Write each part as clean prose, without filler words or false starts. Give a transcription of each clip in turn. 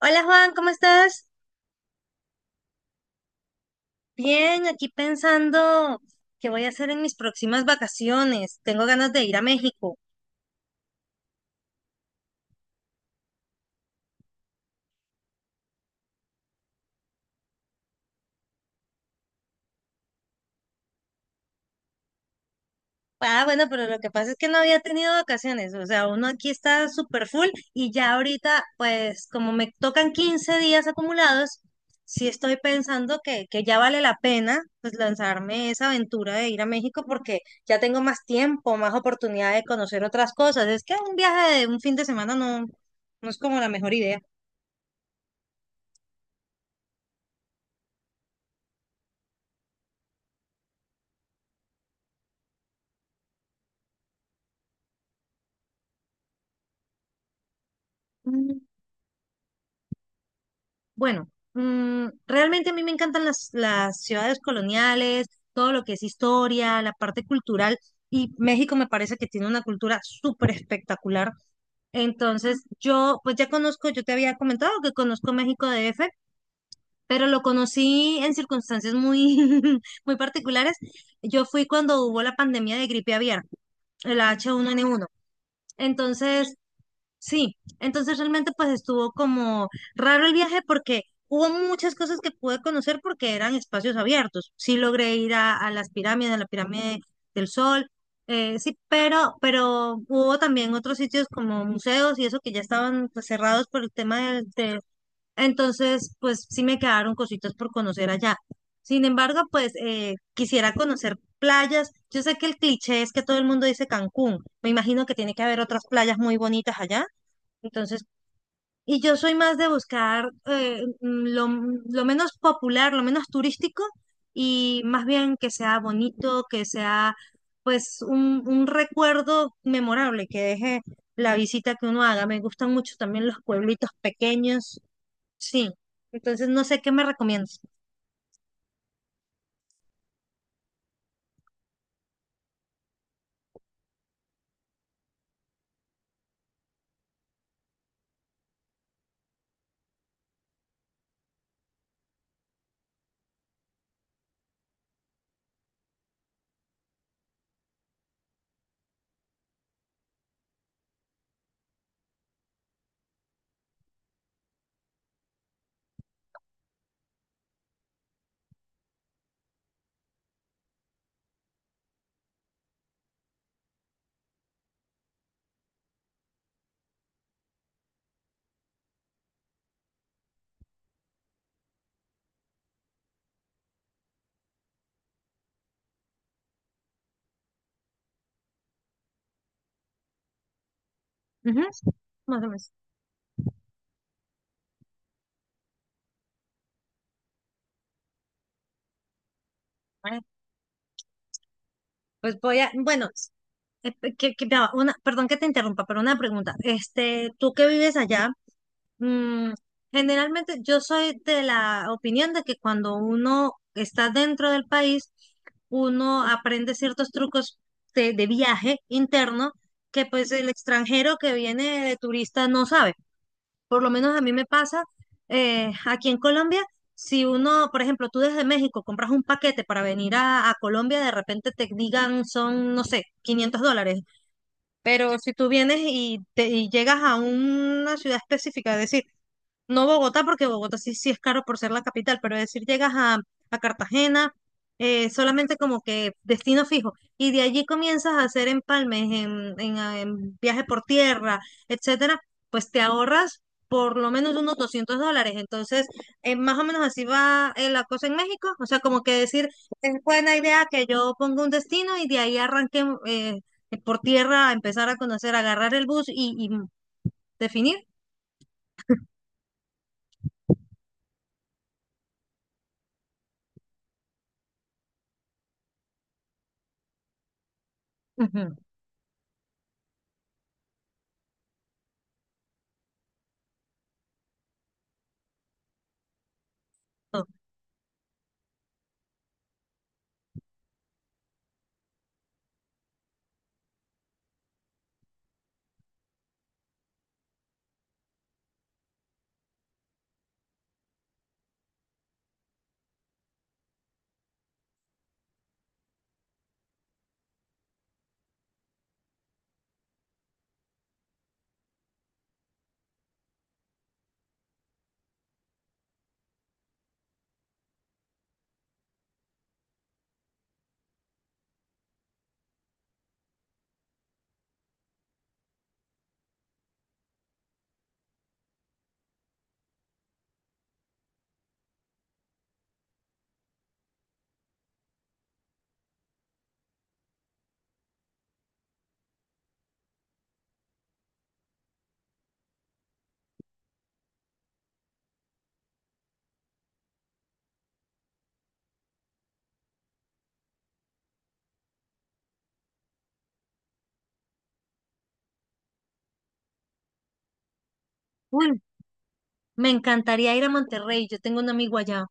Hola Juan, ¿cómo estás? Bien, aquí pensando qué voy a hacer en mis próximas vacaciones. Tengo ganas de ir a México. Ah, bueno, pero lo que pasa es que no había tenido vacaciones. O sea, uno aquí está súper full y ya ahorita, pues como me tocan 15 días acumulados, sí estoy pensando que ya vale la pena pues lanzarme esa aventura de ir a México porque ya tengo más tiempo, más oportunidad de conocer otras cosas. Es que un viaje de un fin de semana no es como la mejor idea. Bueno, realmente a mí me encantan las ciudades coloniales, todo lo que es historia, la parte cultural, y México me parece que tiene una cultura súper espectacular. Entonces, yo pues ya conozco, yo te había comentado que conozco México DF, pero lo conocí en circunstancias muy, muy particulares. Yo fui cuando hubo la pandemia de gripe aviar, el H1N1. Entonces, sí, entonces realmente pues estuvo como raro el viaje porque hubo muchas cosas que pude conocer porque eran espacios abiertos. Sí logré ir a las pirámides, a la pirámide del Sol, sí, pero hubo también otros sitios como museos y eso que ya estaban pues, cerrados por el tema del... Entonces pues sí me quedaron cositas por conocer allá. Sin embargo, pues quisiera conocer playas. Yo sé que el cliché es que todo el mundo dice Cancún. Me imagino que tiene que haber otras playas muy bonitas allá. Entonces, y yo soy más de buscar lo menos popular, lo menos turístico, y más bien que sea bonito, que sea pues un recuerdo memorable, que deje la visita que uno haga. Me gustan mucho también los pueblitos pequeños, sí. Entonces, no sé qué me recomiendas. Ujú, más o menos. Bueno, pues voy a, bueno, ya va, una, perdón que te interrumpa, pero una pregunta. Este, tú que vives allá. Mm, generalmente yo soy de la opinión de que cuando uno está dentro del país, uno aprende ciertos trucos de viaje interno que pues el extranjero que viene de turista no sabe. Por lo menos a mí me pasa, aquí en Colombia, si uno, por ejemplo, tú desde México compras un paquete para venir a Colombia, de repente te digan son, no sé, 500 dólares. Pero si tú vienes y llegas a una ciudad específica, es decir, no Bogotá, porque Bogotá sí es caro por ser la capital, pero es decir, llegas a Cartagena, solamente como que destino fijo, y de allí comienzas a hacer empalmes en viaje por tierra, etcétera, pues te ahorras por lo menos unos 200 dólares. Entonces, más o menos así va, la cosa en México. O sea, como que decir, es buena idea que yo ponga un destino y de ahí arranque, por tierra a empezar a conocer, agarrar el bus y definir. Ujú. Uy, me encantaría ir a Monterrey, yo tengo un amigo allá.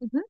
Ujú.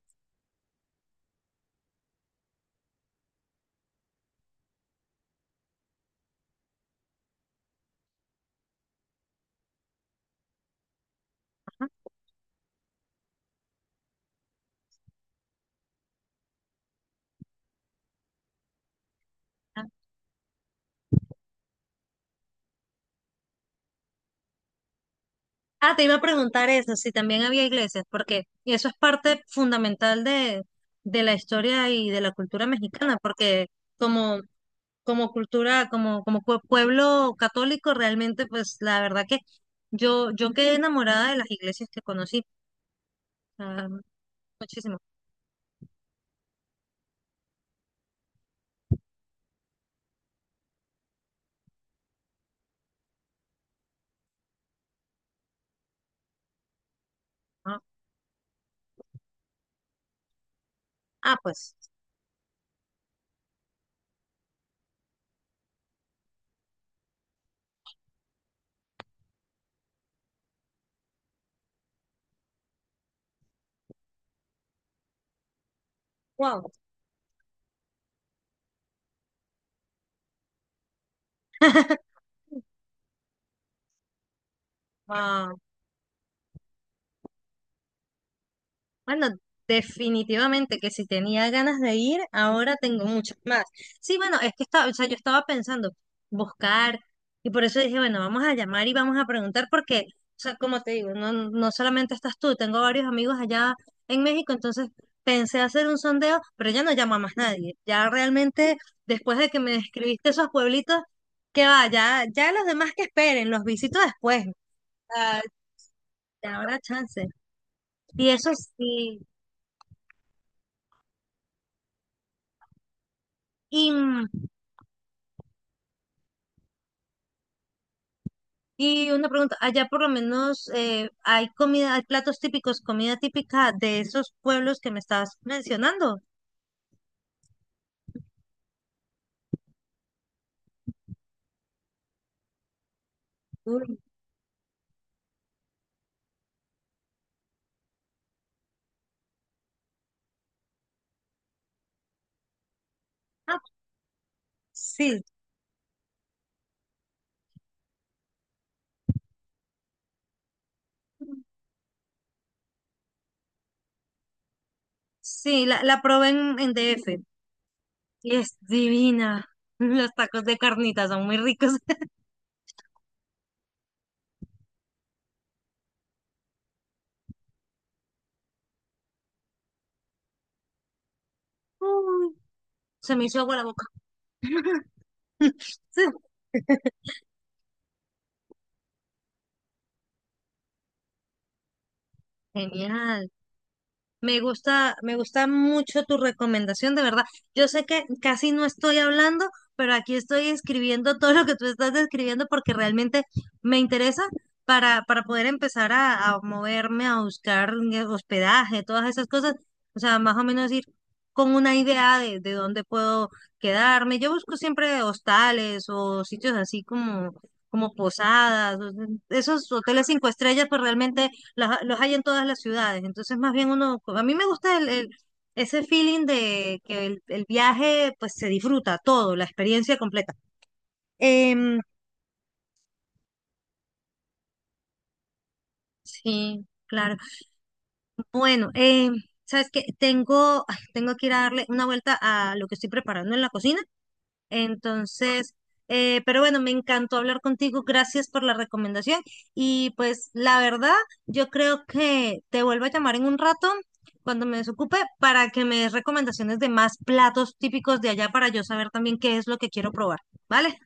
Ah, te iba a preguntar eso, si también había iglesias, porque eso es parte fundamental de la historia y de la cultura mexicana, porque como, como cultura, como, como pueblo católico, realmente, pues la verdad que yo quedé enamorada de las iglesias que conocí, ah, muchísimo. Ah, ah, pues, wow. Bueno, definitivamente que si tenía ganas de ir, ahora tengo muchas más. Sí, bueno, es que estaba, o sea, yo estaba pensando buscar y por eso dije, bueno, vamos a llamar y vamos a preguntar porque, o sea, como te digo, no, no solamente estás tú, tengo varios amigos allá en México, entonces pensé hacer un sondeo, pero ya no llamo a más nadie. Ya realmente, después de que me describiste esos pueblitos, que va, ya, ya los demás que esperen, los visito después. Ah, ya habrá chance. Y eso sí. Y, y una pregunta, allá por lo menos, hay comida, hay platos típicos, comida típica de esos pueblos que me estabas mencionando. Uy, ah, sí, sí, la probé en DF y es divina. Los tacos de carnitas son muy ricos. Uy, se me hizo agua la boca. Sí, genial. Me gusta mucho tu recomendación, de verdad. Yo sé que casi no estoy hablando, pero aquí estoy escribiendo todo lo que tú estás describiendo porque realmente me interesa para poder empezar a moverme, a buscar, hospedaje, todas esas cosas. O sea, más o menos ir con una idea de dónde puedo quedarme. Yo busco siempre hostales o sitios así como, como posadas, o esos hoteles 5 estrellas, pues realmente los hay en todas las ciudades. Entonces, más bien uno, pues, a mí me gusta ese feeling de que el viaje, pues se disfruta todo, la experiencia completa. Em, sí, claro. Bueno, ¿sabes qué? Tengo, ay, tengo que ir a darle una vuelta a lo que estoy preparando en la cocina. Entonces, pero bueno, me encantó hablar contigo. Gracias por la recomendación. Y pues la verdad, yo creo que te vuelvo a llamar en un rato cuando me desocupe para que me des recomendaciones de más platos típicos de allá para yo saber también qué es lo que quiero probar. ¿Vale?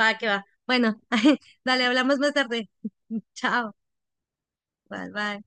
Va, que va. Bueno, dale, hablamos más tarde. Chao. Bye, bye.